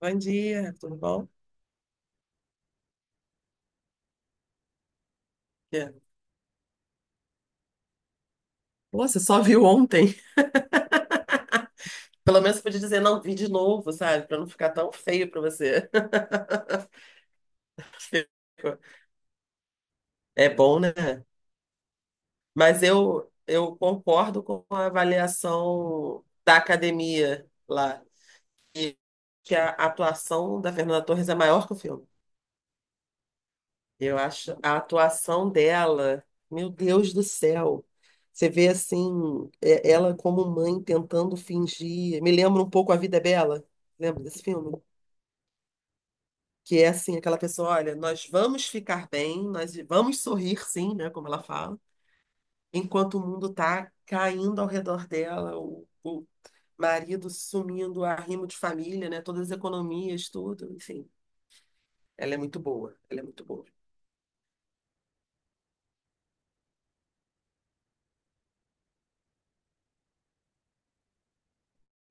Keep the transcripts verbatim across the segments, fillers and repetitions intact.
Bom dia, tudo bom? É. Pô, você só viu ontem. Pelo menos você podia dizer não vi de novo, sabe? Pra não ficar tão feio pra você. É bom, né? Mas eu, eu concordo com a avaliação da academia lá, que a atuação da Fernanda Torres é maior que o filme. Eu acho a atuação dela, meu Deus do céu. Você vê assim, é- ela como mãe tentando fingir. Me lembra um pouco A Vida é Bela. Lembra desse filme? Que é assim, aquela pessoa, olha, nós vamos ficar bem, nós vamos sorrir sim, né, como ela fala, enquanto o mundo tá caindo ao redor dela, o, o marido sumindo, arrimo de família, né, todas as economias, tudo, enfim. Ela é muito boa, ela é muito boa.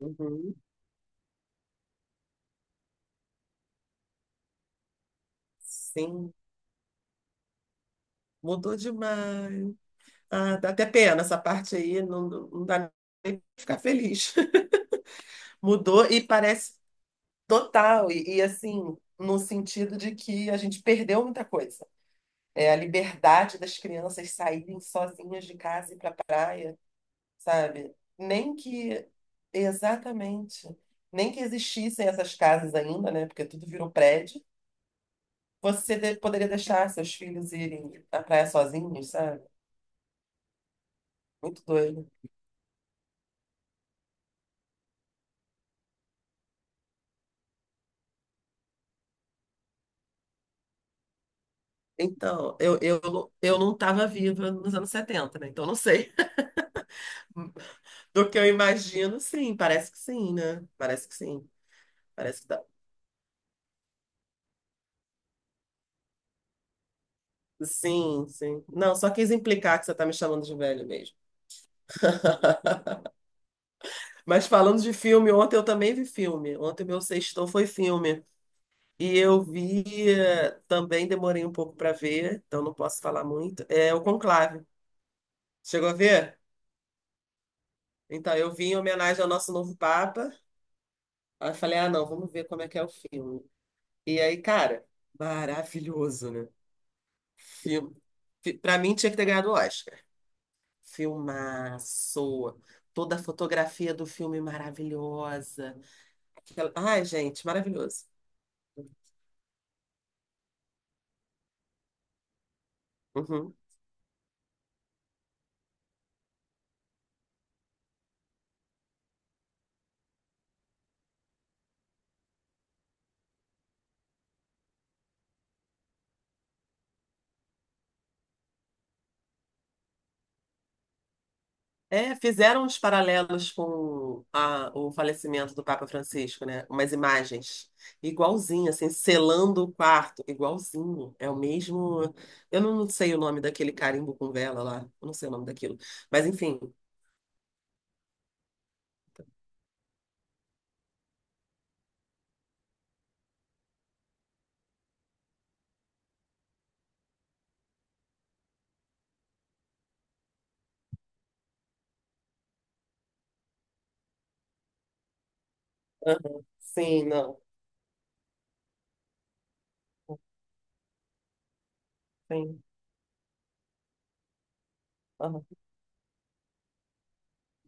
Uhum. Sim, mudou demais. Ah, dá até pena essa parte aí, não, não dá nem pra ficar feliz. Mudou e parece total, e, e assim, no sentido de que a gente perdeu muita coisa. É a liberdade das crianças saírem sozinhas de casa e ir para a praia, sabe? Nem que, exatamente, nem que existissem essas casas ainda, né? Porque tudo virou prédio. Você de- poderia deixar seus filhos irem à praia sozinhos, sabe? Muito doido. Então, eu, eu, eu não estava viva nos anos setenta, né? Então, não sei. Do que eu imagino, sim, parece que sim, né? Parece que sim, parece que dá. Sim, sim. Não, só quis implicar que você tá me chamando de velho mesmo. Mas falando de filme, ontem eu também vi filme. Ontem meu sextou foi filme. E eu vi, eh, também demorei um pouco para ver, então não posso falar muito. É o Conclave. Chegou a ver? Então, eu vi em homenagem ao nosso novo Papa. Aí eu falei, ah, não, vamos ver como é que é o filme. E aí, cara, maravilhoso, né? Filme. Fi- Pra mim, tinha que ter ganhado o Oscar. Filmaço. Toda a fotografia do filme maravilhosa. Aquela- Ai, gente, maravilhoso. Uhum. É, fizeram uns paralelos com a- o falecimento do Papa Francisco, né? Umas imagens. Igualzinho, assim, selando o quarto. Igualzinho. É o mesmo. Eu não sei o nome daquele carimbo com vela lá. Eu não sei o nome daquilo. Mas, enfim. Aham. Sim, não. Sim.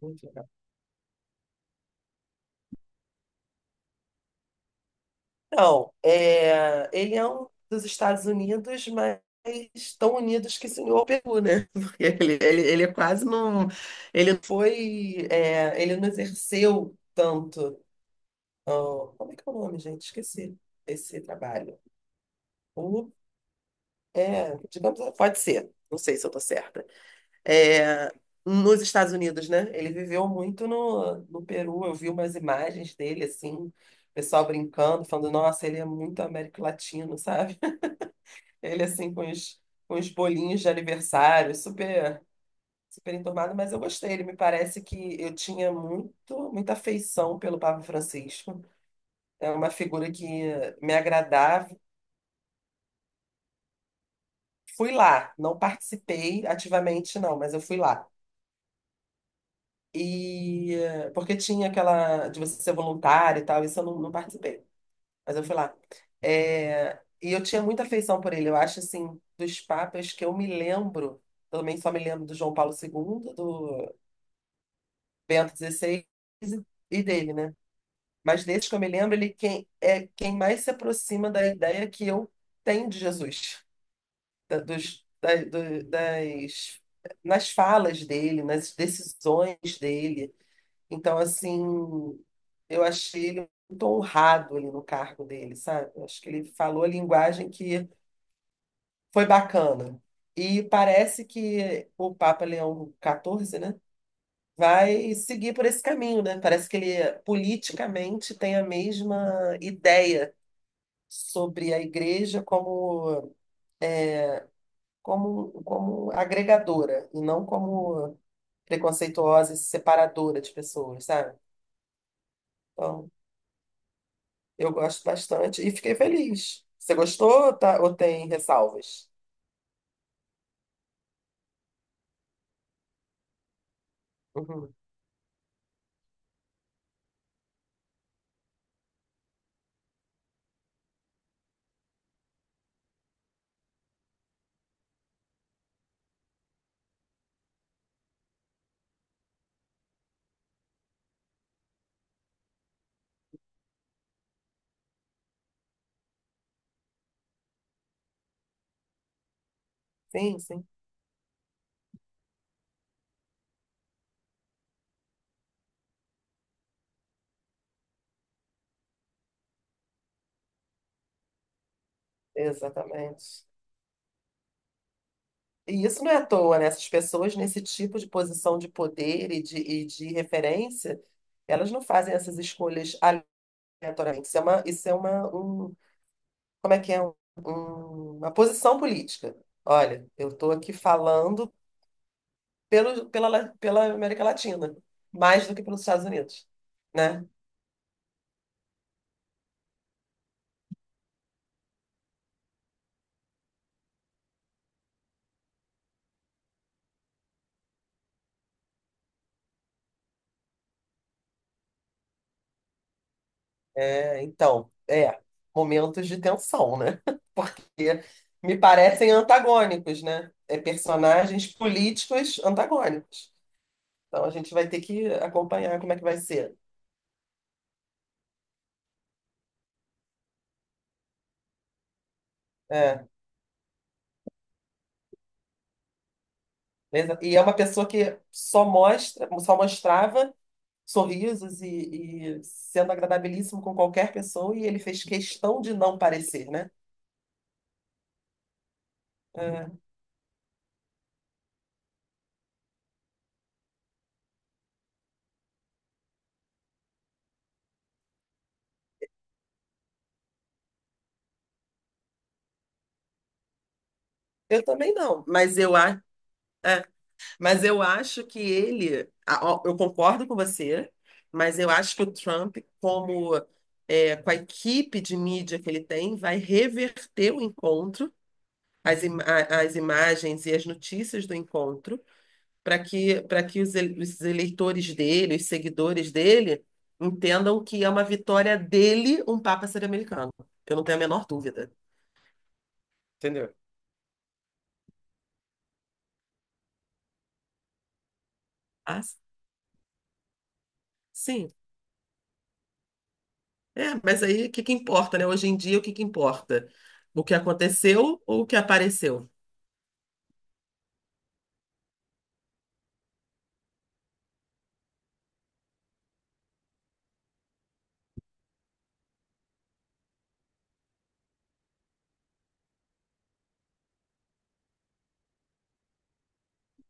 Aham. Não, é, ele é um dos Estados Unidos, mas tão unidos que se uniu ao Peru, né? Porque ele, ele, ele é quase não. Ele foi. É, ele não exerceu tanto. Ó, como é que é o nome, gente? Esqueci esse trabalho. O, é, digamos, pode ser. Não sei se eu estou certa. É, nos Estados Unidos, né? Ele viveu muito no, no Peru. Eu vi umas imagens dele, assim, o pessoal brincando, falando, nossa, ele é muito Américo Latino, sabe? Ele assim com os, com os bolinhos de aniversário, super super enturmado, mas eu gostei. Ele me parece que eu tinha muito muita afeição pelo Papa Francisco. É uma figura que me agradava. Fui lá, não participei ativamente não, mas eu fui lá. E eh, porque tinha aquela de você ser voluntário e tal, isso eu não, não participei, mas eu fui lá. É, e eu tinha muita afeição por ele. Eu acho assim, dos papas que eu me lembro, também só me lembro do João Paulo segundo do Bento dezesseis e dele, né? Mas desses que eu me lembro, ele quem, é quem mais se aproxima da ideia que eu tenho de Jesus, da- dos, da- do- das, nas falas dele, nas decisões dele. Então, assim, eu achei ele muito honrado ali no cargo dele, sabe? Eu acho que ele falou a linguagem que foi bacana. E parece que o Papa Leão quatorze, né? Vai seguir por esse caminho, né? Parece que ele politicamente tem a mesma ideia sobre a igreja como como como agregadora e não como preconceituosa e separadora de pessoas, sabe? Então, eu gosto bastante e fiquei feliz. Você gostou, tá? Ou tem ressalvas? Uhum. Sim, sim, exatamente. E isso não é à toa, né? Essas pessoas nesse tipo de posição de poder e de, e de referência, elas não fazem essas escolhas aleatoriamente. Isso é uma, isso é uma, um, como é que é? Um- um- uma posição política. Olha, eu estou aqui falando pelo, pela, La- pela América Latina, mais do que pelos Estados Unidos, né? É, então, é, momentos de tensão, né? Porque me parecem antagônicos, né? É, personagens políticos antagônicos. Então a gente vai ter que acompanhar como é que vai ser. É, beleza? E é uma pessoa que só mostra, só mostrava sorrisos e, e sendo agradabilíssimo com qualquer pessoa, e ele fez questão de não parecer, né? É, eu também não, mas eu, a, é, mas eu acho que ele, a- ó, eu concordo com você, mas eu acho que o Trump, como é, com a equipe de mídia que ele tem, vai reverter o encontro, as, im- a- as imagens e as notícias do encontro para que, para que os, ele- os eleitores dele, os seguidores dele, entendam que é uma vitória dele um Papa ser americano. Eu não tenho a menor dúvida. Entendeu? Ah, sim. É, mas aí o que que importa, né? Hoje em dia, o que que importa? O que aconteceu ou o que apareceu?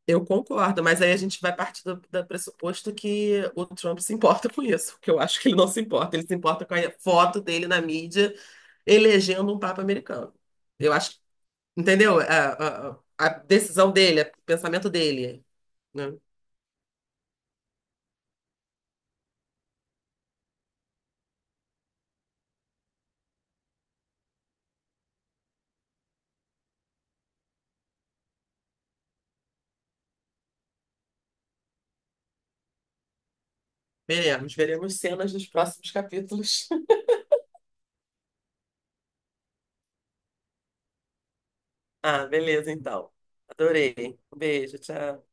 Eu concordo, mas aí a gente vai partir do, do pressuposto que o Trump se importa com isso, porque eu acho que ele não se importa. Ele se importa com a foto dele na mídia elegendo um Papa americano. Eu acho, entendeu? A, a- a decisão dele, o pensamento dele, né? Veremos, veremos cenas dos próximos capítulos. Ah, beleza, então. Adorei. Um beijo, tchau.